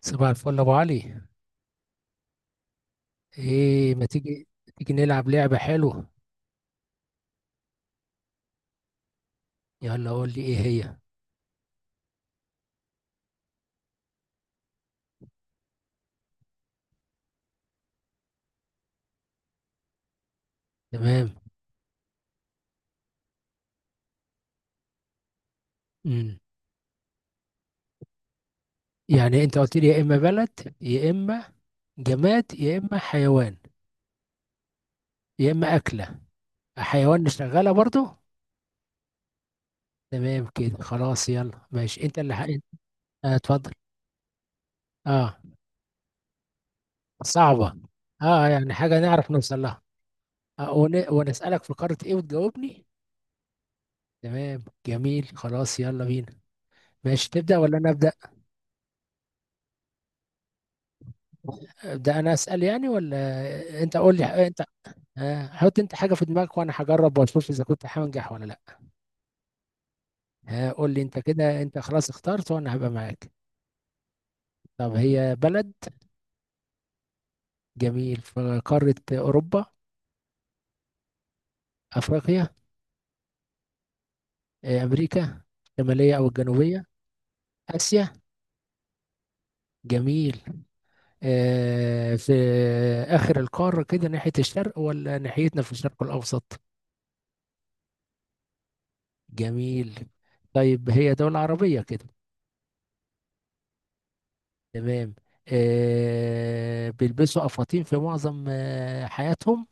صباح الفل يا ابو علي. ايه ما تيجي؟ تيجي نلعب لعبة حلوة. يلا قول لي ايه هي. تمام. امم يعني انت قلت لي يا اما بلد، يا اما جماد، يا اما حيوان، يا اما اكلة. حيوان نشغلها برضو. تمام كده خلاص، يلا ماشي انت اللي حق... آه، اتفضل. اه صعبة. اه يعني حاجة نعرف نوصل لها. ونسألك في قارة ايه وتجاوبني. تمام جميل، خلاص يلا بينا. ماشي تبدأ ولا انا ابدأ؟ ده انا اسال يعني، ولا انت قول لي انت. حط انت حاجه في دماغك وانا هجرب واشوف اذا كنت هنجح ولا لا. قول لي انت كده، انت خلاص اخترت وانا هبقى معاك. طب هي بلد؟ جميل. في قاره اوروبا؟ افريقيا؟ امريكا الشماليه او الجنوبيه؟ اسيا؟ جميل. في اخر القاره كده ناحيه الشرق، ولا ناحيتنا في الشرق الاوسط؟ جميل. طيب هي دوله عربيه كده؟ تمام. بيلبسوا افاطين في معظم حياتهم.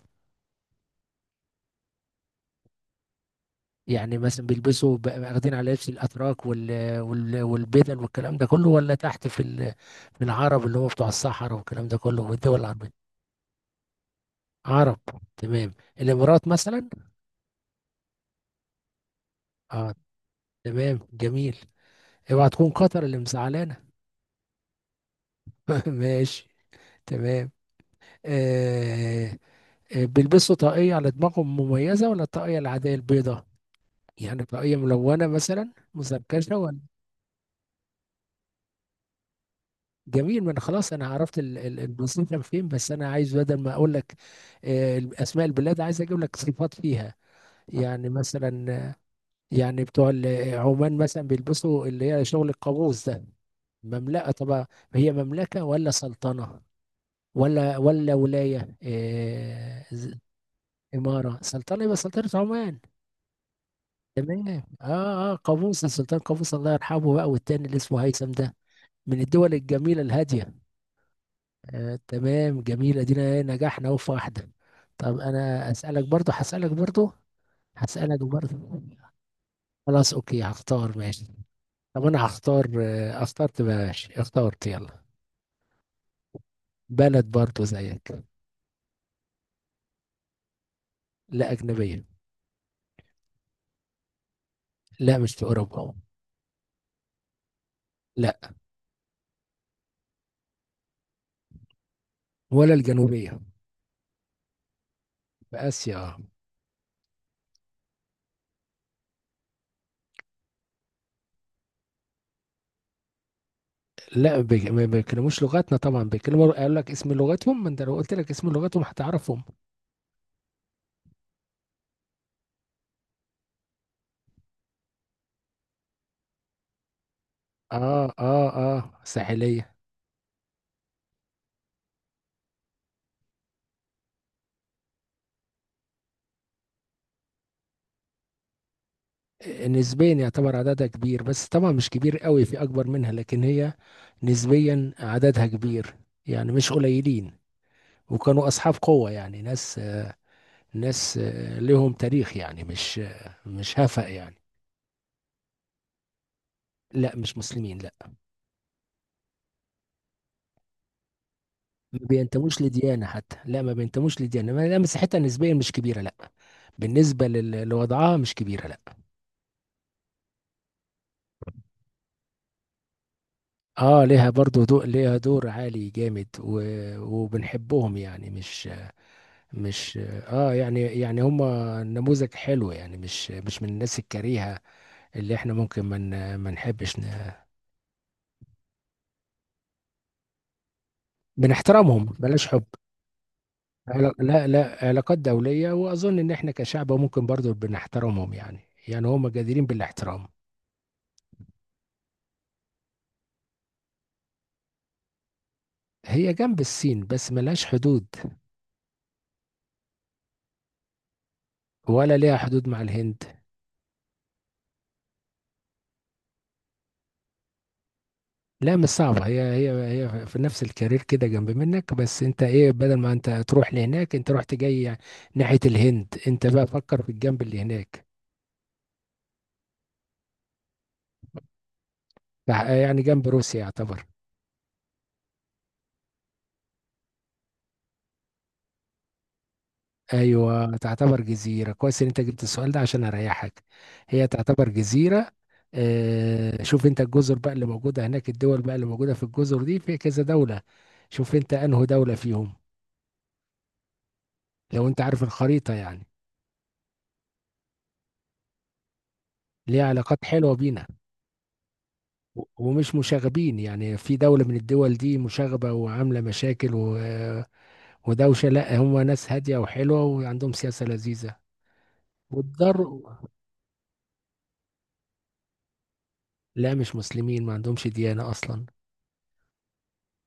يعني مثلا بيلبسوا واخدين على لبس الاتراك والبدل والكلام ده كله، ولا تحت في في العرب اللي هو بتوع الصحراء والكلام ده كله والدول العربية؟ عرب. تمام. الامارات مثلا. اه تمام جميل. اوعى تكون قطر اللي مزعلانه. ماشي. تمام. آه بيلبسوا طاقية على دماغهم مميزة، ولا الطاقية العادية البيضاء؟ يعني طاقية ملونة مثلا، مزركشة؟ جميل. ما انا خلاص، انا عرفت المصيف كان فين، بس انا عايز بدل ما اقول لك اسماء البلاد، عايز اجيب لك صفات فيها. يعني مثلا يعني بتوع عمان مثلا بيلبسوا اللي هي شغل القابوس ده. مملكه طبعا. هي مملكه ولا سلطنه ولايه اماره؟ سلطنه، يبقى سلطنه عمان. تمام. اه قابوس، السلطان قابوس الله يرحمه بقى، والتاني اللي اسمه هيثم ده. من الدول الجميله الهاديه. تمام جميل. ادينا إيه، نجحنا اهو في واحدة. طب انا اسألك برضو، هسألك برضو، هسألك برضو. خلاص اوكي هختار، ماشي. طب انا هختار، اخترت بقى. ماشي اخترت، يلا. بلد برضو زيك. لا اجنبية. لا مش في اوروبا. لا. ولا الجنوبية. في اسيا آه. لا ما بيتكلموش لغتنا طبعا، بيتكلموا قال لك اسم لغتهم. ما انت لو قلت لك اسم لغتهم هتعرفهم. اه اه اه. ساحلية. نسبيا يعتبر عددها كبير، بس طبعا مش كبير قوي، في اكبر منها، لكن هي نسبيا عددها كبير. يعني مش قليلين. وكانوا اصحاب قوة، يعني ناس لهم تاريخ يعني، مش هفأ يعني. لا مش مسلمين لا. ما بينتموش لديانة حتى، لا ما بينتموش لديانة لا مساحتها نسبيا مش كبيرة لا. بالنسبة لوضعها مش كبيرة لا. اه ليها برضو، ليها دور عالي جامد وبنحبهم يعني، مش اه يعني هم نموذج حلو، يعني مش من الناس الكريهة اللي احنا ممكن ما من ما نحبش بنحترمهم، بلاش حب. لا لا علاقات دولية، واظن ان احنا كشعب ممكن برضو بنحترمهم يعني. يعني هم جديرين بالاحترام. هي جنب الصين بس ملهاش حدود. ولا ليها حدود مع الهند. لا مش صعبة، هي في نفس الكارير كده جنب منك. بس انت ايه، بدل ما انت تروح لهناك، انت رحت جاي ناحية الهند. انت بقى فكر في الجنب اللي هناك. يعني جنب روسيا يعتبر. ايوه تعتبر جزيره. كويس ان انت جبت السؤال ده، عشان اريحك. هي تعتبر جزيره. شوف انت الجزر بقى اللي موجوده هناك، الدول بقى اللي موجوده في الجزر دي في كذا دوله. شوف انت انه دوله فيهم. لو انت عارف الخريطه يعني. ليها علاقات حلوه بينا. ومش مشاغبين. يعني في دولة من الدول دي مشاغبة وعاملة مشاكل ودوشة؟ لا، هم ناس هادية وحلوة، وعندهم سياسة لذيذة. والضر. لا مش مسلمين، ما عندهمش ديانة أصلا.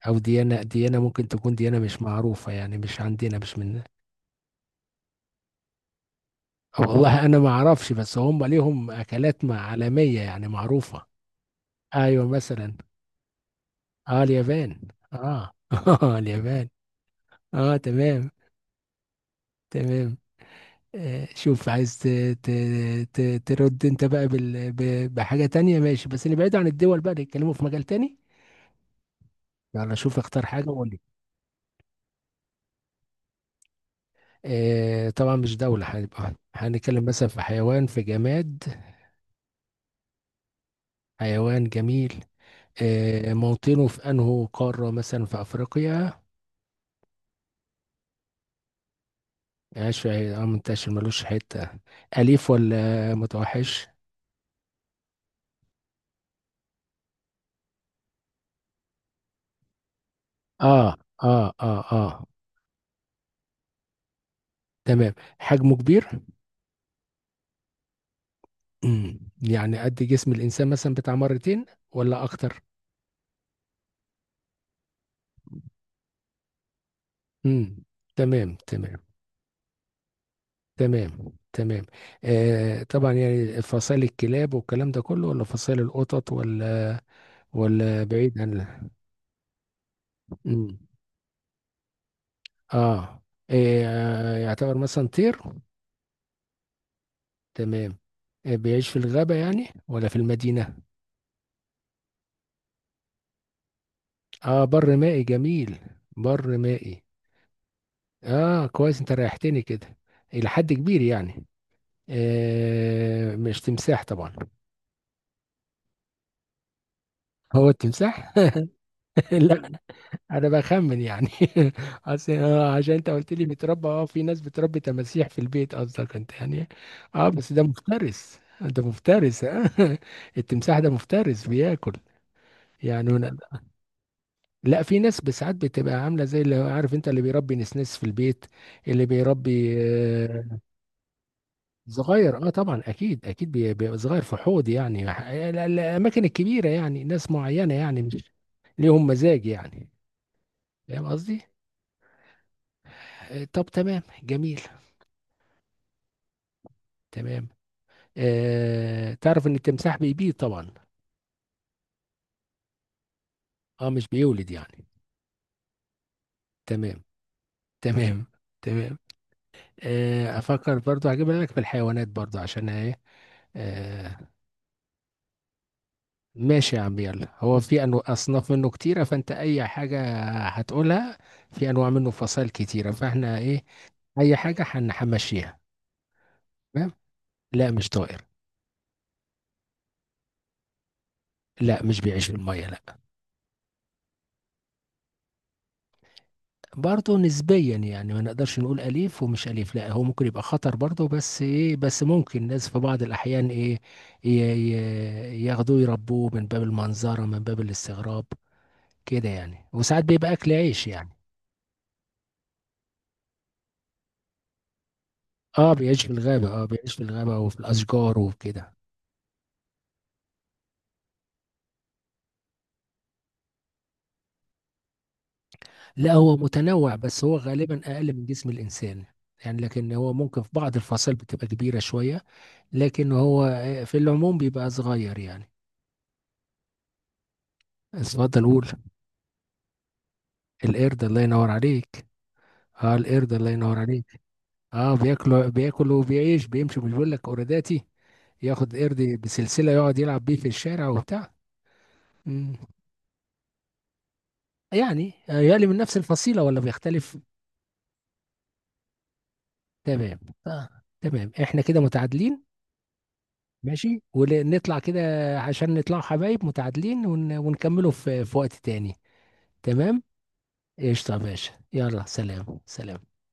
او ديانة ممكن تكون ديانة مش معروفة يعني، مش عندنا، مش من. أو والله انا ما اعرفش، بس هم ليهم اكلات عالمية يعني، معروفة. ايوه مثلا. اه اليابان. اه اه اليابان. اه تمام تمام. شوف، عايز ترد انت بقى بحاجة تانية. ماشي، بس نبعد عن الدول بقى، نتكلموا في مجال تاني. يلا شوف، اختار حاجة وقول لي. طبعا مش دولة، هنبقى هنتكلم مثلا في حيوان، في جماد. حيوان جميل. موطنه في انه قارة؟ مثلا في افريقيا؟ عاش في. اه منتشر، ملوش حتة. اليف ولا متوحش؟ اه اه اه اه تمام. حجمه كبير. مم. يعني قد جسم الانسان مثلا، بتاع مرتين ولا اكتر؟ مم. تمام تمام. تمام تمام. طبعا، يعني فصائل الكلاب والكلام ده كله، ولا فصائل القطط، ولا بعيد عن. مم. اه إيه يعتبر مثلا طير؟ تمام. بيعيش في الغابة يعني، ولا في المدينة؟ اه بر مائي، جميل. بر مائي. اه كويس، انت ريحتني كده. الى حد كبير يعني. مش تمساح طبعا؟ هو التمساح. لا، انا بخمن يعني. اصل عشان انت قلت لي بيتربى، اه في ناس بتربي تماسيح في البيت قصدك انت، يعني. اه بس ده مفترس، ده مفترس. آه. التمساح ده مفترس، بياكل يعني. لا، في ناس بساعات بتبقى عامله زي اللي عارف انت اللي بيربي نسنس في البيت، اللي بيربي. آه، صغير، اه طبعا اكيد اكيد بيبقى صغير في حوض، يعني الاماكن الكبيره، يعني ناس معينه يعني، مش ليهم مزاج يعني. فاهم قصدي؟ طب تمام جميل. تمام. تعرف ان التمساح بيبيض طبعا. اه مش بيولد يعني. تمام تمام تمام. افكر برضو، هجيب لك في الحيوانات برضو، عشان ايه. آه ماشي يا عم، يلا. هو في انواع اصناف منه كتيره، فانت اي حاجه هتقولها. في انواع منه فصائل كتيره، فاحنا ايه، اي حاجه هنمشيها. تمام. لا مش طائر. لا مش بيعيش في الميه لا. برضه نسبيا يعني، ما نقدرش نقول اليف ومش اليف، لا هو ممكن يبقى خطر برضه، بس ايه، بس ممكن الناس في بعض الاحيان ايه ياخدوه يربوه من باب المنظره، من باب الاستغراب كده يعني. وساعات بيبقى اكل عيش يعني. بيعيش في الغابه وفي الاشجار وكده. لا هو متنوع، بس هو غالبا اقل من جسم الانسان يعني. لكن هو ممكن في بعض الفصائل بتبقى كبيره شويه. لكن هو في العموم بيبقى صغير يعني. اتفضل قول. القرد، الله ينور عليك. اه القرد، الله ينور عليك. اه بياكل وبيعيش، بيمشي. مش بيقول لك قرداتي ياخد قرد بسلسله يقعد يلعب بيه في الشارع وبتاع. مم. يعني يقلي من نفس الفصيله ولا بيختلف؟ تمام آه. تمام، احنا كده متعادلين. ماشي، ونطلع كده، عشان نطلع حبايب متعادلين ونكمله في وقت تاني. تمام. قشطة يا باشا، يلا. سلام سلام.